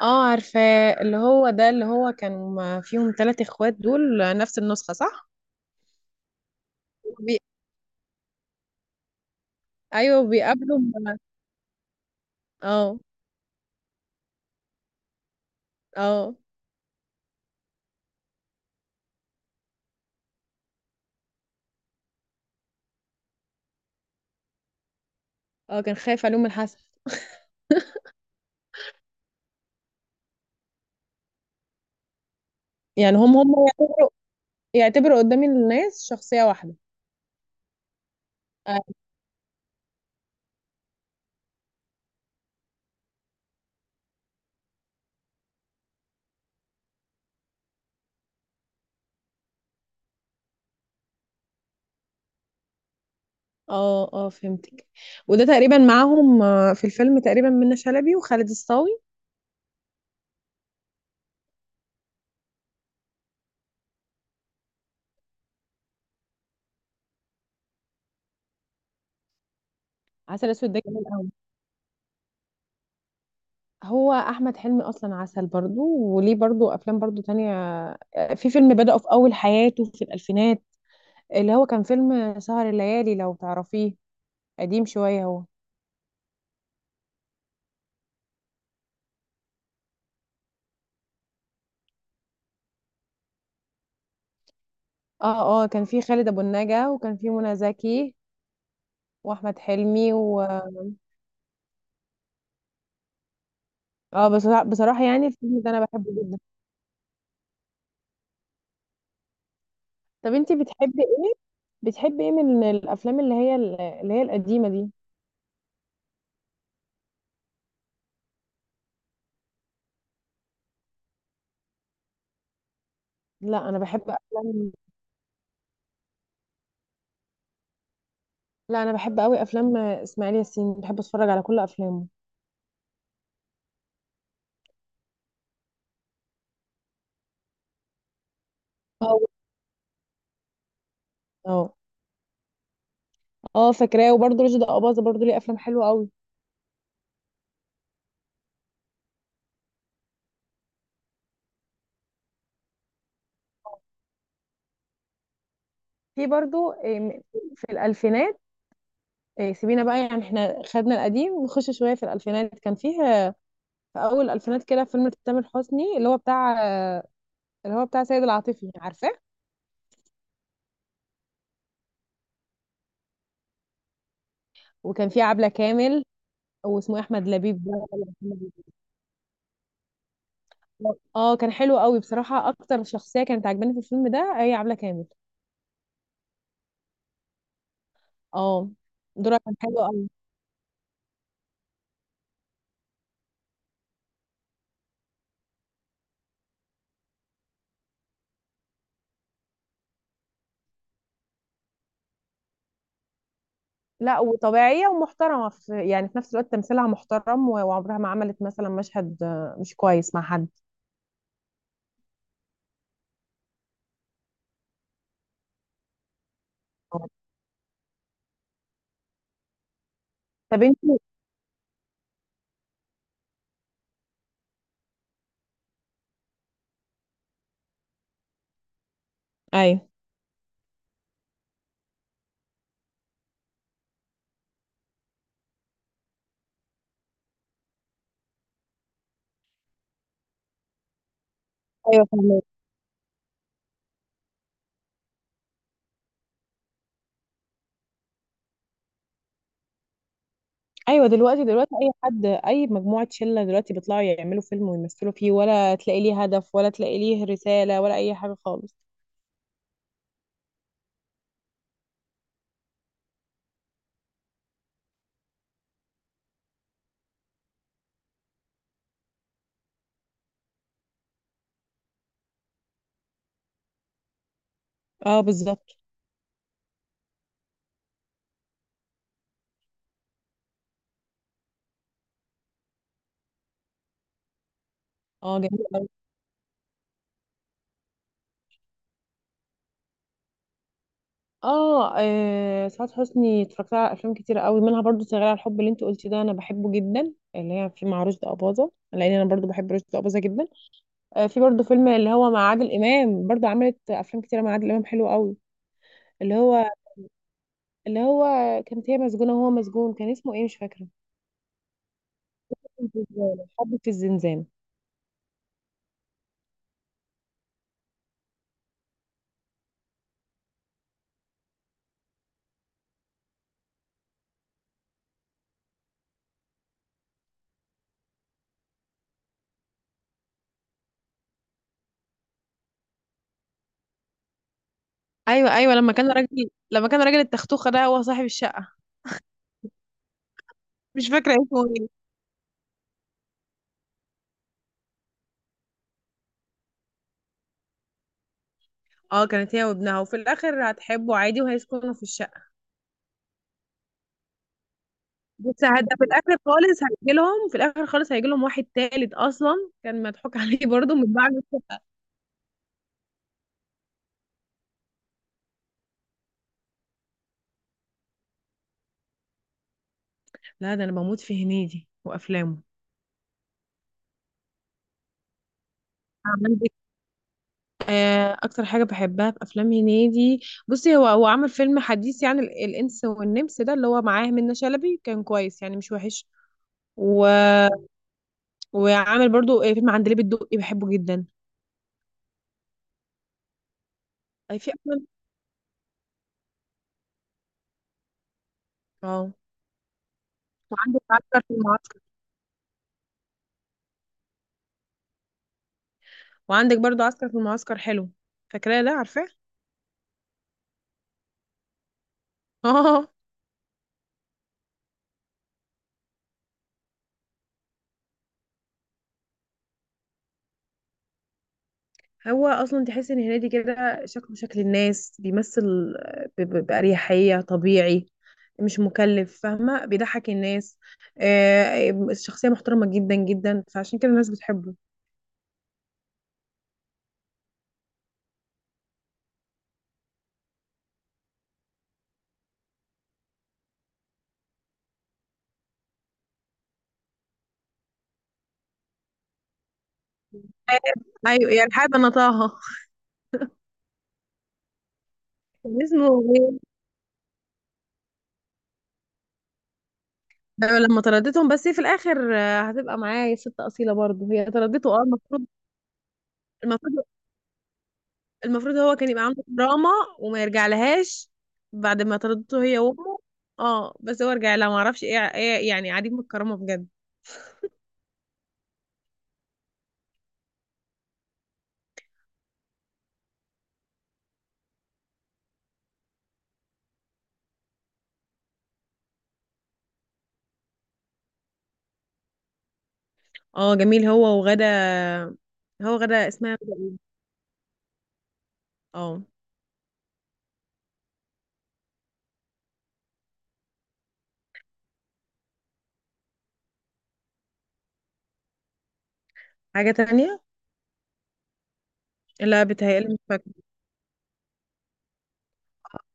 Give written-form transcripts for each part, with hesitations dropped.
اه عارفاه اللي هو ده اللي هو كان فيهم ثلاث اخوات دول نفس النسخة صح؟ بي... ايوه بيقابلوا اه اه اه كان خايف عليهم الحسد. يعني هم يعتبروا قدام الناس شخصية واحدة. اه فهمتك. وده تقريبا معاهم في الفيلم تقريبا منة شلبي وخالد الصاوي. عسل اسود ده جميل قوي. هو احمد حلمي اصلا عسل، برضو وليه برضو افلام برضو تانية. في فيلم بدأه في اول حياته في الالفينات، اللي هو كان فيلم سهر الليالي لو تعرفيه، قديم شوية هو. اه كان فيه خالد أبو النجا وكان فيه منى زكي وأحمد حلمي و اه بصراحة, بصراحة يعني الفيلم ده أنا بحبه جدا. طب انتي بتحبي ايه؟ بتحبي ايه من الأفلام اللي هي القديمة دي؟ لا أنا بحب أفلام. لا أنا بحب أوي أفلام إسماعيل ياسين، بحب أتفرج على كل أفلامه. اه اه اه فاكراه. وبرضه رشدي أباظة برضه ليه أفلام حلوة أوي. في برضه في الألفينات. سيبينا بقى، يعني احنا خدنا القديم، نخش شويه في الالفينات. كان فيه في اول الالفينات كده فيلم تامر حسني اللي هو بتاع، اللي هو بتاع سيد العاطفي، عارفاه؟ وكان فيه عبله كامل، واسمه احمد لبيب ده ولا أحمد لبيب. اه كان حلو قوي بصراحه. اكتر شخصيه كانت عجباني في الفيلم ده هي عبله كامل. اه، دورها كان حلو قوي. لا وطبيعيه ومحترمه، في يعني في نفس الوقت تمثيلها محترم وعمرها ما عملت مثلا مشهد مش كويس مع حد. آه. طب انت. ايوه. ايوه. ايوه دلوقتي، دلوقتي اي حد اي مجموعه شله دلوقتي بيطلعوا يعملوا فيلم ويمثلوا فيه، ولا تلاقي ليه هدف ولا تلاقي ليه رساله ولا اي حاجه خالص. اه بالظبط. اه جميل قوي. اه سعاد حسني اتفرجت على افلام كتير قوي منها، برضو شغاله على الحب اللي انت قلتي ده انا بحبه جدا، اللي هي في مع رشدي اباظه، لان انا برضو بحب رشدي اباظه جدا. آه، في برضو فيلم اللي هو مع عادل امام، برضو عملت افلام كتير مع عادل امام حلو قوي. اللي هو اللي هو كانت هي مسجونه وهو مسجون، كان اسمه ايه مش فاكره. حب في الزنزانه، حب في الزنزانه. ايوه ايوه، لما كان راجل، لما كان راجل التختوخه ده هو صاحب الشقه. مش فاكره اسمه ايه. اه كانت هي وابنها، وفي الاخر هتحبه عادي وهيسكنوا في الشقه. بس في الاخر خالص هيجي لهم، في الاخر خالص هيجي لهم واحد تالت اصلا، كان مضحوك عليه برضه من بعد. لا ده انا بموت في هنيدي وافلامه. عندك اكتر حاجه بحبها في افلام هنيدي، بصي هو هو عمل فيلم حديث يعني الانس والنمس ده اللي هو معاه منة شلبي، كان كويس يعني مش وحش. و... وعامل برضو فيلم عندليب الدقي بحبه جدا. اي في افلام. اه وعندك عسكر في المعسكر. وعندك برضو عسكر في المعسكر حلو، فاكراه ده؟ عارفاه. اه. هو اصلا تحس ان هنيدي كده شكله شكل الناس، بيمثل بأريحية طبيعي، مش مكلف، فاهمة، بيضحك الناس. الشخصية محترمة جدا جدا، فعشان كده الناس بتحبه. ايوه يعني حابة انا طه. كان اسمه ايه. أيوة، لما طردتهم، بس هي في الاخر هتبقى معايا ست اصيلة برضو، هي طردته اه المفروض. المفروض. المفروض هو كان يبقى عنده دراما وما يرجع لهاش بعد ما طردته هي وامه. اه بس هو رجع لها، ما اعرفش ايه ايه، يعني عديم الكرامه بجد. اه جميل، هو وغدا. هو غدا اسمها غدا ايه؟ اه. حاجه تانية. لا بتهيألي مش فاكره.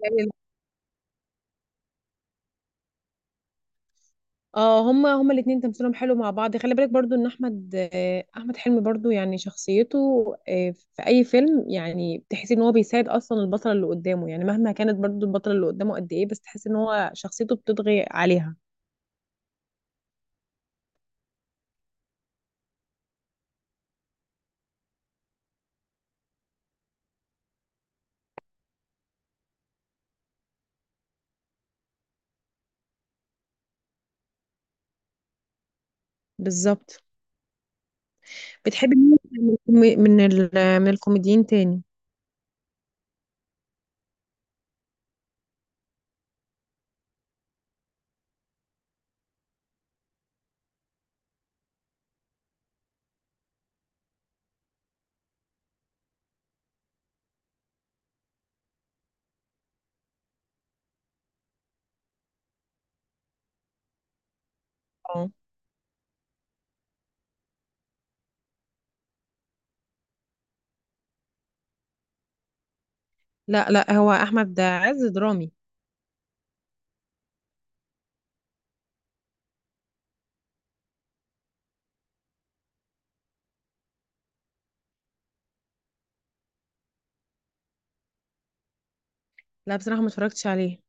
بيتهيألي- اه هما الاتنين تمثيلهم حلو مع بعض. خلي بالك برضو ان احمد احمد حلمي برضو يعني شخصيته في اي فيلم يعني بتحسي ان هو بيساعد اصلا البطله اللي قدامه، يعني مهما كانت برضو البطله اللي قدامه قد ايه، بس تحسي ان هو شخصيته بتطغي عليها. بالظبط. بتحبي مين من من الكوميديين تاني؟ اه. لا لا، هو احمد عز درامي. لا بصراحه ما اتفرجتش عليه.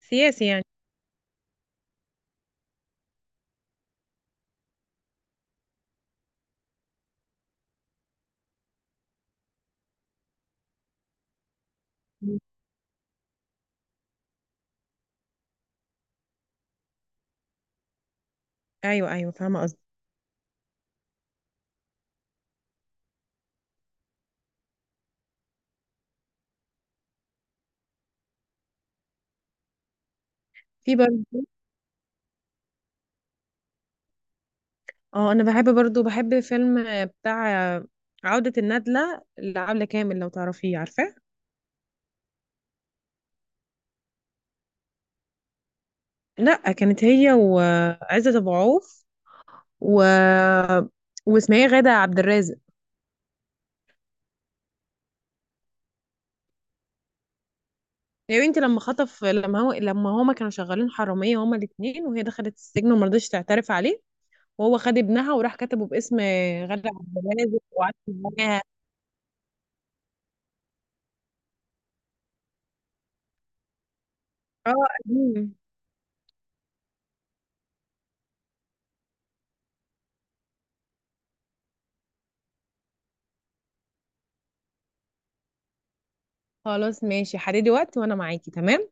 سياسي يعني. مم. ايوه ايوه فاهمه قصدي. في برضه. اه انا بحب برضه، بحب فيلم بتاع عودة الندلة لعبلة كامل، لو تعرفيه عارفاه. لا كانت هي وعزت ابو عوف، و واسمها ايه، غادة عبد الرازق. يا بنتي لما خطف، لما هو، لما هما كانوا شغالين حرامية هما الاتنين، وهي دخلت السجن وما رضتش تعترف عليه، وهو خد ابنها وراح كتبه باسم غادة عبد الرازق وقعدت معاها. اه قديم. خلاص ماشي، حددي وقت وانا معاكي تمام.